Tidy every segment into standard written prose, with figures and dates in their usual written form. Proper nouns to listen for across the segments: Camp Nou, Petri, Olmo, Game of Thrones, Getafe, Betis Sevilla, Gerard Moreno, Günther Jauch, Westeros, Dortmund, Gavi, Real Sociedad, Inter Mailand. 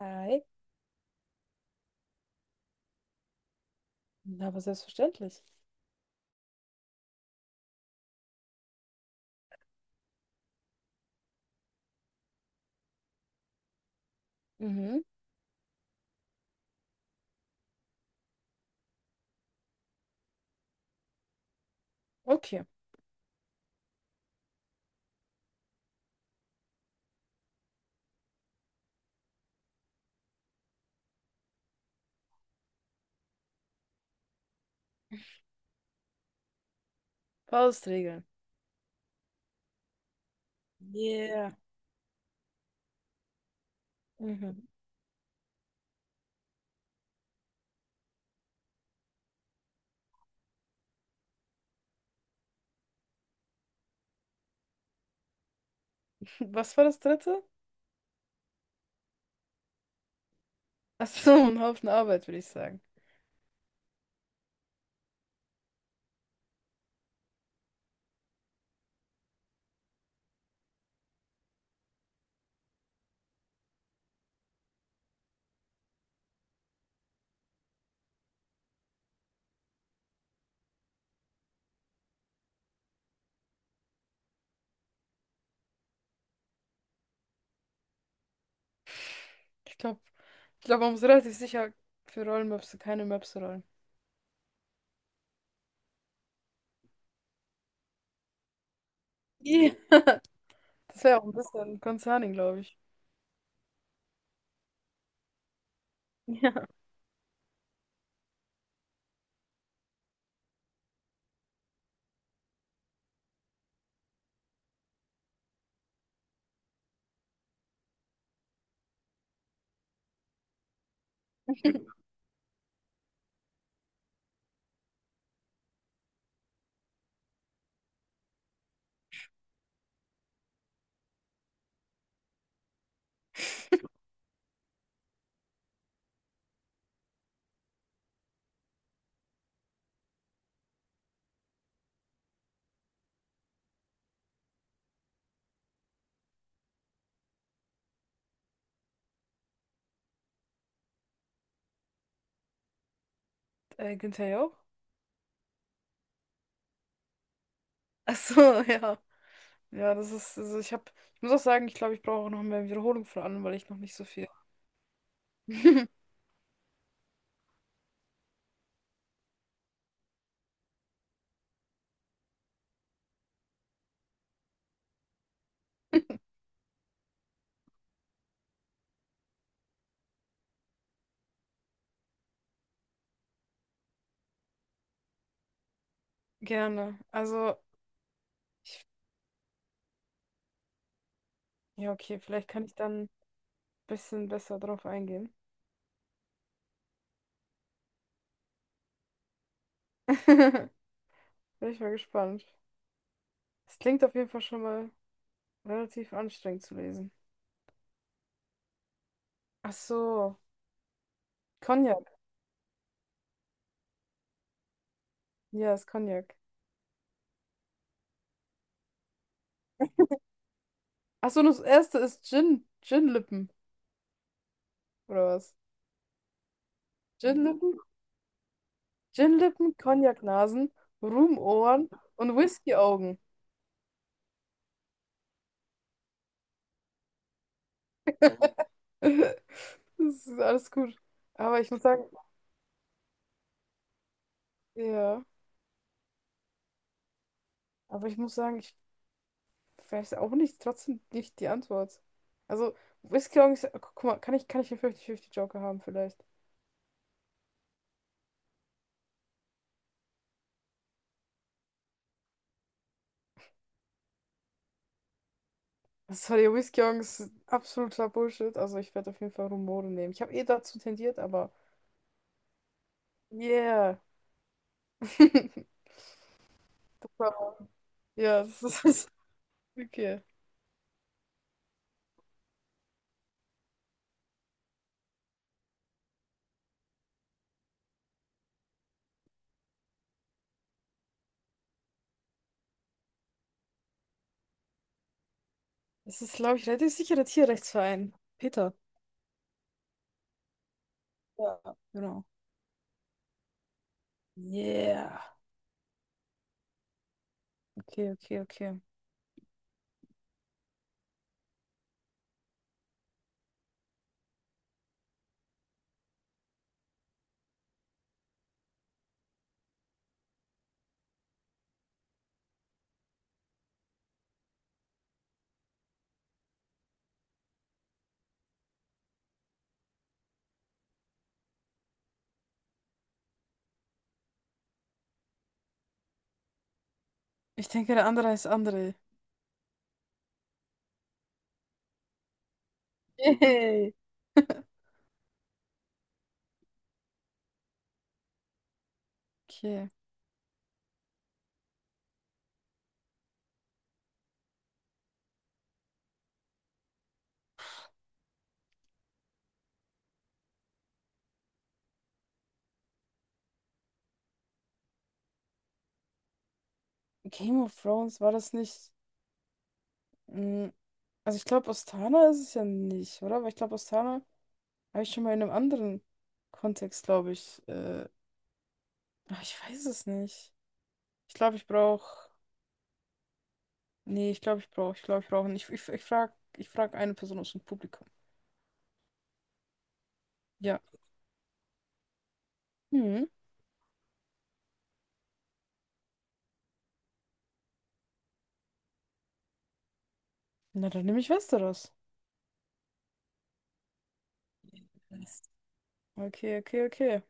Hi. Na, aber selbstverständlich. Mhm. Okay. Faustregeln. Yeah. Mhm. Was war das dritte? Ach so, ein Haufen Arbeit, würde ich sagen. Ich glaube, ich glaube, man muss relativ sicher für Rollmöpse keine Möpse rollen. Yeah. Das wäre auch ein bisschen concerning, glaube ich. Ja. Günther Jauch? Ach so, ja. Ja, das ist, also ich habe, ich muss auch sagen, ich glaube, ich brauche auch noch mehr Wiederholung von allem, weil ich noch nicht so viel. Gerne. Also, ja, okay, vielleicht kann ich dann bisschen besser drauf eingehen. Bin ich mal gespannt. Es klingt auf jeden Fall schon mal relativ anstrengend zu lesen. Ach so, Cognac. Ja, ist Cognac. Ach so, und das erste ist Gin. Gin-Lippen, oder was? Gin-Lippen, Gin-Lippen, Cognac-Nasen, Rumohren und Whisky-Augen. Das ist alles gut. Aber ich muss sagen, ja, aber ich muss sagen, ich weiß auch nicht, trotzdem nicht die Antwort. Also, Whisky-Augen ist, guck mal, kann ich einen 50-50-Joker haben vielleicht? Das Sorry, Whiskeyongs, absoluter Bullshit. Also ich werde auf jeden Fall Rumore nehmen. Ich habe eh dazu tendiert, aber yeah. Das war- Ja, das ist das okay. Das ist, glaube ich, relativ sicherer Tierrechtsverein. Peter. Ja. Genau. Yeah. Okay, okay, okay. Ich denke, der andere heißt André. Yay. Okay. Game of Thrones, war das nicht? mm, Also ich glaube, Ostana ist es ja nicht, oder? Weil ich glaube, Ostana habe ich schon mal in einem anderen Kontext, glaube ich. Ach, ich weiß es nicht. Ich glaube, ich brauche. Nee, ich glaube, ich brauche. Ich glaube, ich brauche nicht. Ich frag eine Person aus dem Publikum. Ja. Hm. Na, dann nehme ich Westeros. Okay, okay, okay.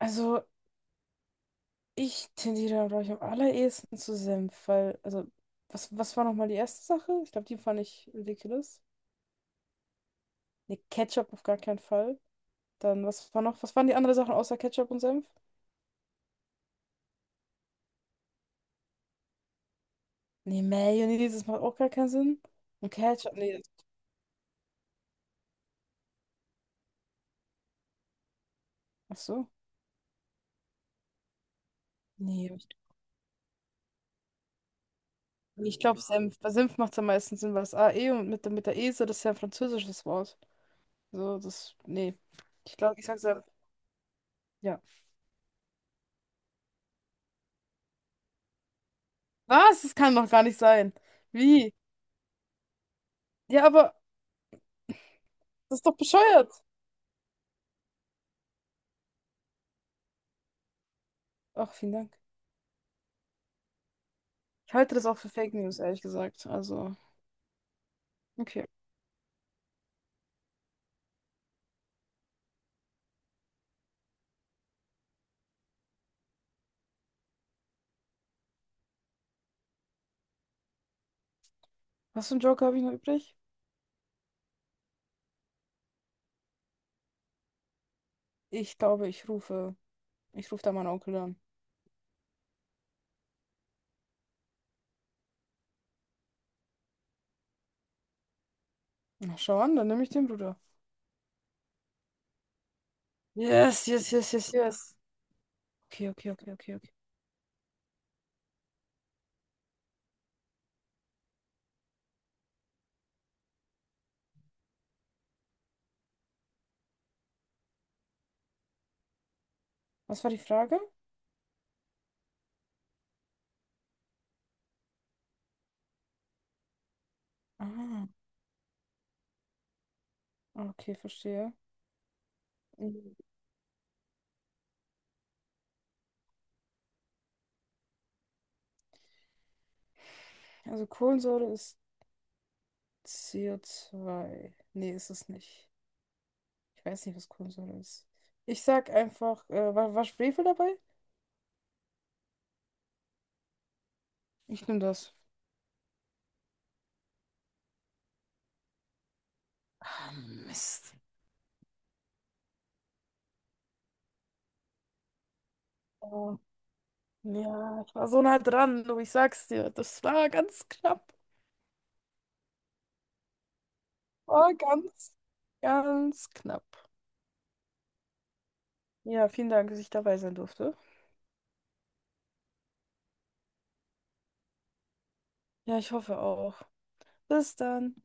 Also, ich tendiere, glaube ich, am allerehesten zu Senf, weil, also, was war nochmal die erste Sache? Ich glaube, die fand ich ridiculous. Nee, Ketchup auf gar keinen Fall. Dann, was war noch, was waren die anderen Sachen außer Ketchup und Senf? Nee, Mayonnaise, das macht auch gar keinen Sinn. Und Ketchup, nee. Ach so. Nee. Ich glaube, Senf. Bei Senf macht es am meisten Sinn, weil das AE und mit, mit der Ese, das ist ja ein französisches Wort. So, das. Nee. Ich glaube, ich sag Senf. Ja. Was? Das kann doch gar nicht sein. Wie? Ja, aber das ist doch bescheuert. Ach, vielen Dank. Ich halte das auch für Fake News, ehrlich gesagt. Also, okay. Was für einen Joker habe ich noch übrig? Ich glaube, ich rufe. Ich rufe da meinen Onkel an. Na, schau an, dann nehme ich den Bruder. Yes, yes, yes, yes, yes. Okay, okay, okay, okay, okay. Was war die Frage? Ah, okay, verstehe. Mhm. Also Kohlensäure ist CO2. Nee, ist es nicht. Ich weiß nicht, was Kohlensäure ist. Ich sag einfach, war Schwefel dabei? Ich nehme das. Ah, Mist. Oh, ja, ich war so nah dran, du, ich sag's dir. Das war ganz knapp. War ganz, ganz knapp. Ja, vielen Dank, dass ich dabei sein durfte. Ja, ich hoffe auch. Bis dann.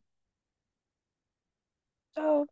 Ciao.